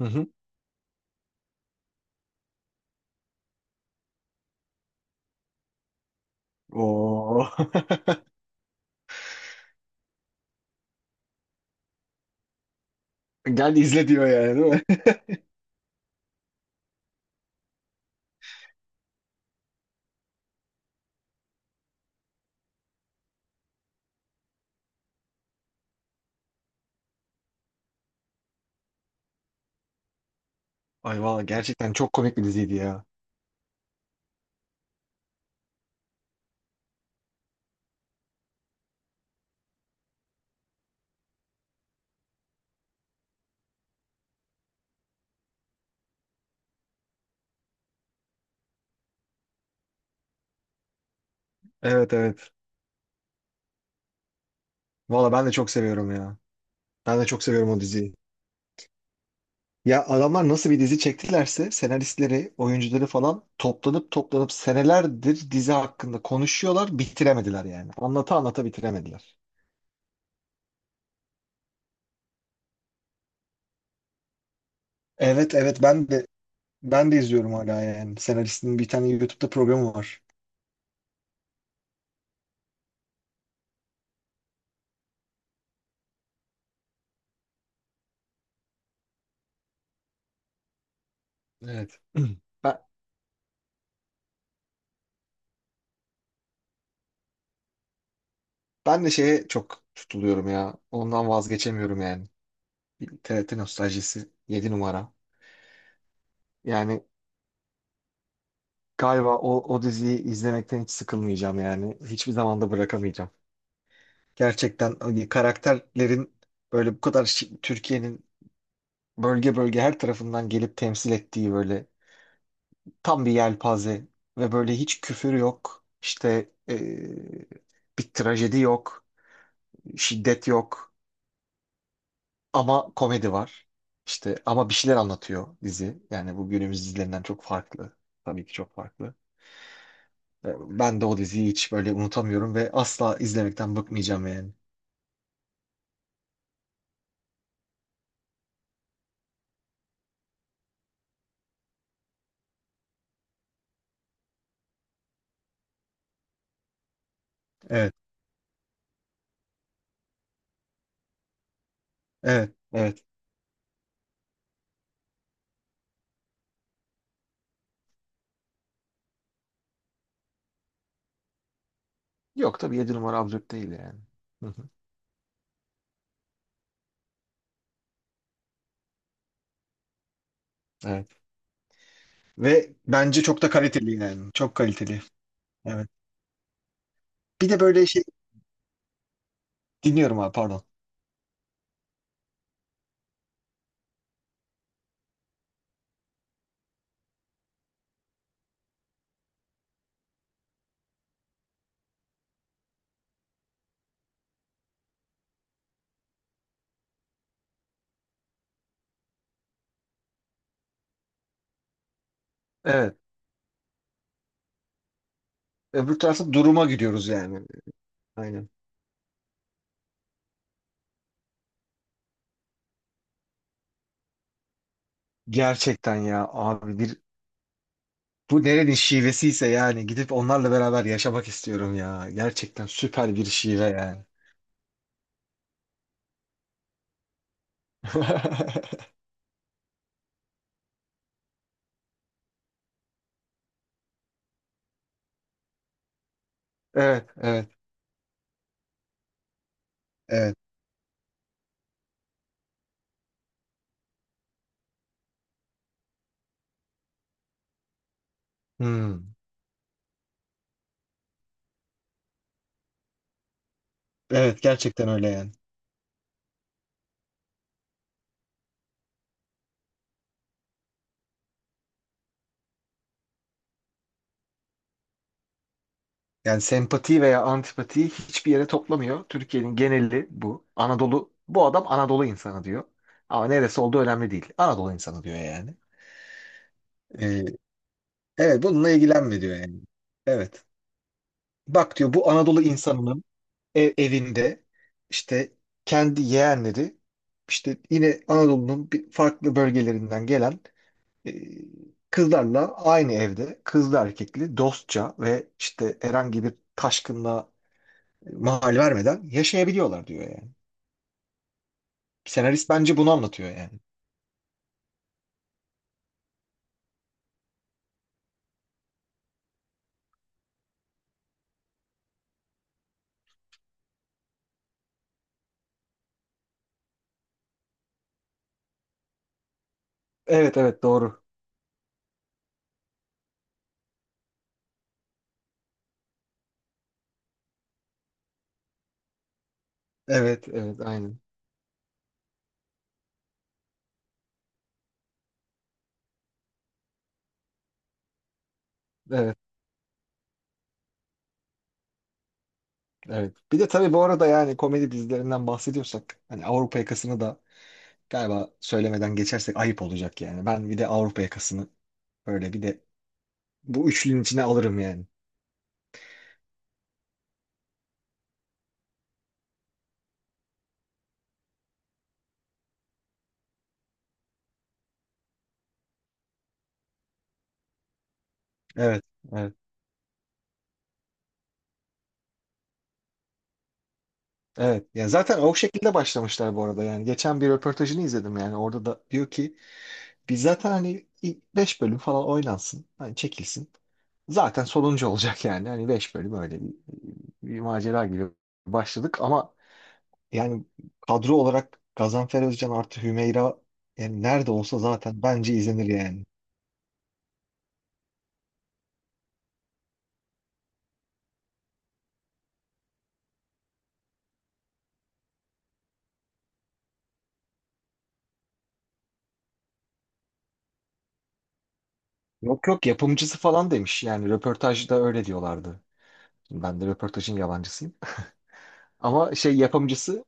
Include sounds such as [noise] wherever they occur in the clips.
Hı hı. Oo. [laughs] Gel izle diyor yani değil mi? [laughs] Ay valla gerçekten çok komik bir diziydi ya. Evet, evet. Valla ben de çok seviyorum ya. Ben de çok seviyorum o diziyi. Ya adamlar nasıl bir dizi çektilerse senaristleri, oyuncuları falan toplanıp toplanıp senelerdir dizi hakkında konuşuyorlar, bitiremediler yani. Anlata anlata bitiremediler. Evet evet, ben de izliyorum hala yani. Senaristin bir tane YouTube'da programı var. Evet. [clears throat] Ben, Ben de şeye çok tutuluyorum ya. Ondan vazgeçemiyorum yani. TRT nostaljisi 7 numara. Yani galiba o diziyi izlemekten hiç sıkılmayacağım yani. Hiçbir zaman da bırakamayacağım. Gerçekten hani karakterlerin böyle bu kadar Türkiye'nin bölge bölge her tarafından gelip temsil ettiği böyle tam bir yelpaze ve böyle hiç küfür yok. İşte bir trajedi yok, şiddet yok ama komedi var. İşte ama bir şeyler anlatıyor dizi. Yani bu günümüz dizilerinden çok farklı. Tabii ki çok farklı. Ben de o diziyi hiç böyle unutamıyorum ve asla izlemekten bıkmayacağım yani. Evet, evet, evet. Yok tabii 7 numara absürt değil yani. Hı hı. Evet. Ve bence çok da kaliteli yani. Çok kaliteli. Evet. Bir de böyle şey dinliyorum abi, pardon. Evet. Öbür tarafta duruma gidiyoruz yani. Aynen. Gerçekten ya abi bir, bu nerenin şivesiyse yani gidip onlarla beraber yaşamak istiyorum ya. Gerçekten süper bir şive yani. [laughs] Evet, evet, evet. Hmm. Evet, gerçekten öyle yani. Yani sempati veya antipatiyi hiçbir yere toplamıyor. Türkiye'nin geneli bu. Anadolu, bu adam Anadolu insanı diyor. Ama neresi olduğu önemli değil. Anadolu insanı diyor yani. Ee, evet bununla ilgilenme diyor yani. Evet. Bak diyor bu Anadolu insanının evinde işte kendi yeğenleri işte yine Anadolu'nun bir farklı bölgelerinden gelen e, kızlarla aynı evde kızlı erkekli dostça ve işte herhangi bir taşkınlığa mahal vermeden yaşayabiliyorlar diyor yani. Senarist bence bunu anlatıyor yani. Evet evet, doğru. Evet. Evet aynen. Evet evet. Bir de tabii bu arada yani komedi dizilerinden bahsediyorsak hani Avrupa yakasını da galiba söylemeden geçersek ayıp olacak yani. Ben bir de Avrupa yakasını böyle bir de bu üçlünün içine alırım yani. Evet. Evet. Evet. Ya zaten o şekilde başlamışlar bu arada yani. Geçen bir röportajını izledim yani. Orada da diyor ki biz zaten hani 5 bölüm falan oynansın. Hani çekilsin. Zaten sonuncu olacak yani. Hani 5 bölüm öyle bir macera gibi başladık ama yani kadro olarak Gazanfer Özcan artı Hümeyra yani nerede olsa zaten bence izlenir yani. Yok yok, yapımcısı falan demiş. Yani röportajda öyle diyorlardı. Ben de röportajın yalancısıyım. [laughs] Ama şey, yapımcısı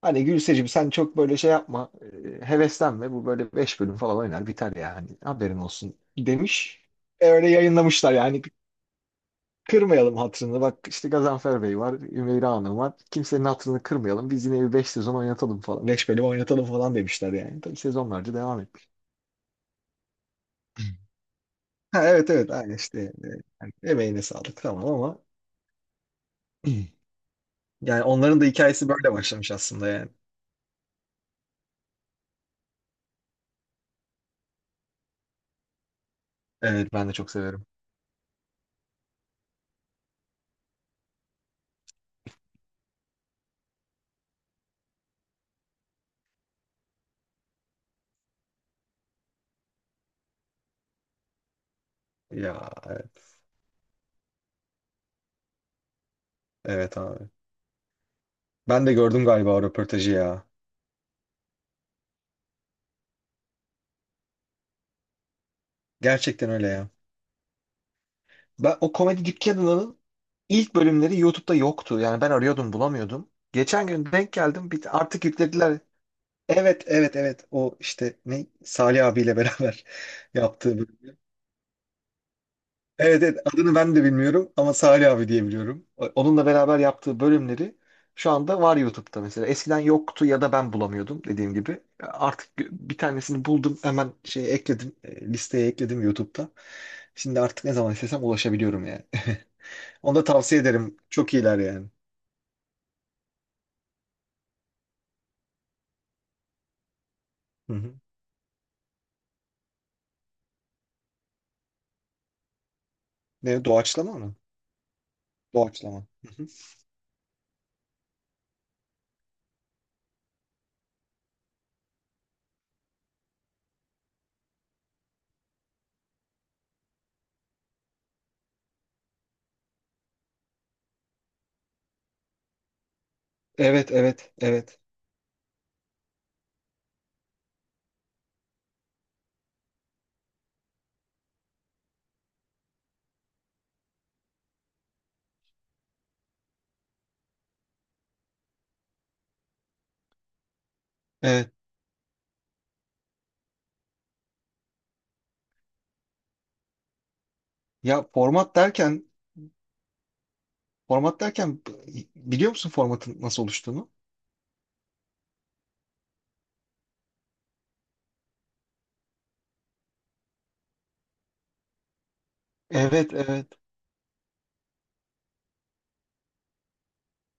hani Gülseciğim sen çok böyle şey yapma, heveslenme. Bu böyle 5 bölüm falan oynar biter yani, haberin olsun demiş. E, öyle yayınlamışlar yani. Kırmayalım hatırını. Bak işte Gazanfer Bey var. Ümeyra Hanım var. Kimsenin hatırını kırmayalım. Biz yine bir 5 sezon oynatalım falan, 5 bölüm oynatalım falan demişler yani. Tabii sezonlarca devam etmiş. Ha, evet evet. Aynı işte yani emeğine sağlık tamam ama [clears throat] yani onların da hikayesi böyle başlamış aslında yani. Evet, ben de çok severim. Ya evet, evet abi. Ben de gördüm galiba o röportajı ya. Gerçekten öyle ya. Ben o komedi dükkanının ilk bölümleri YouTube'da yoktu. Yani ben arıyordum bulamıyordum. Geçen gün denk geldim. Bir, artık yüklediler. Evet evet evet. O işte ne Salih abiyle beraber [laughs] yaptığı bölüm. Evet evet, adını ben de bilmiyorum ama Salih abi diye biliyorum. Onunla beraber yaptığı bölümleri şu anda var YouTube'da mesela. Eskiden yoktu ya da ben bulamıyordum dediğim gibi. Artık bir tanesini buldum, hemen şeye ekledim, listeye ekledim YouTube'da. Şimdi artık ne zaman istesem ulaşabiliyorum yani. [laughs] Onu da tavsiye ederim. Çok iyiler yani. Hı hı. Ne, doğaçlama mı? Doğaçlama. Hı hı. Evet, evet, evet. Evet. Ya format derken, format derken biliyor musun formatın nasıl oluştuğunu? Evet, evet.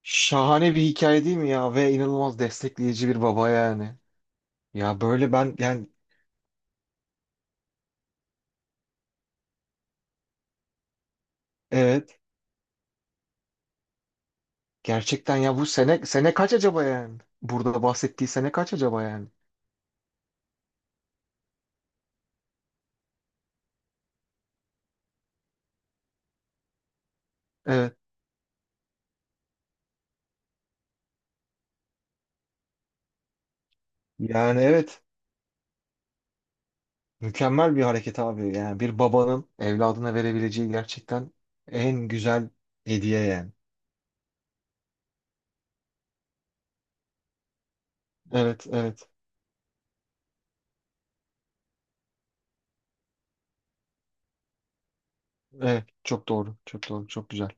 Şahane bir hikaye değil mi ya? Ve inanılmaz destekleyici bir baba yani. Ya böyle ben yani evet. Gerçekten ya bu sene sene kaç acaba yani? Burada bahsettiği sene kaç acaba yani? Evet. Yani evet. Mükemmel bir hareket abi. Yani bir babanın evladına verebileceği gerçekten en güzel hediye yani. Evet, evet. Evet, çok doğru. Çok doğru. Çok güzel.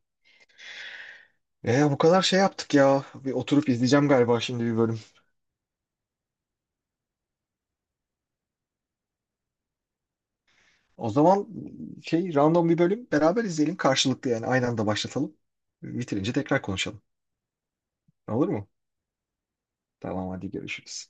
E, bu kadar şey yaptık ya. Bir oturup izleyeceğim galiba şimdi bir bölüm. O zaman şey, random bir bölüm beraber izleyelim karşılıklı yani, aynı anda başlatalım. Bitirince tekrar konuşalım. Olur mu? Tamam hadi görüşürüz.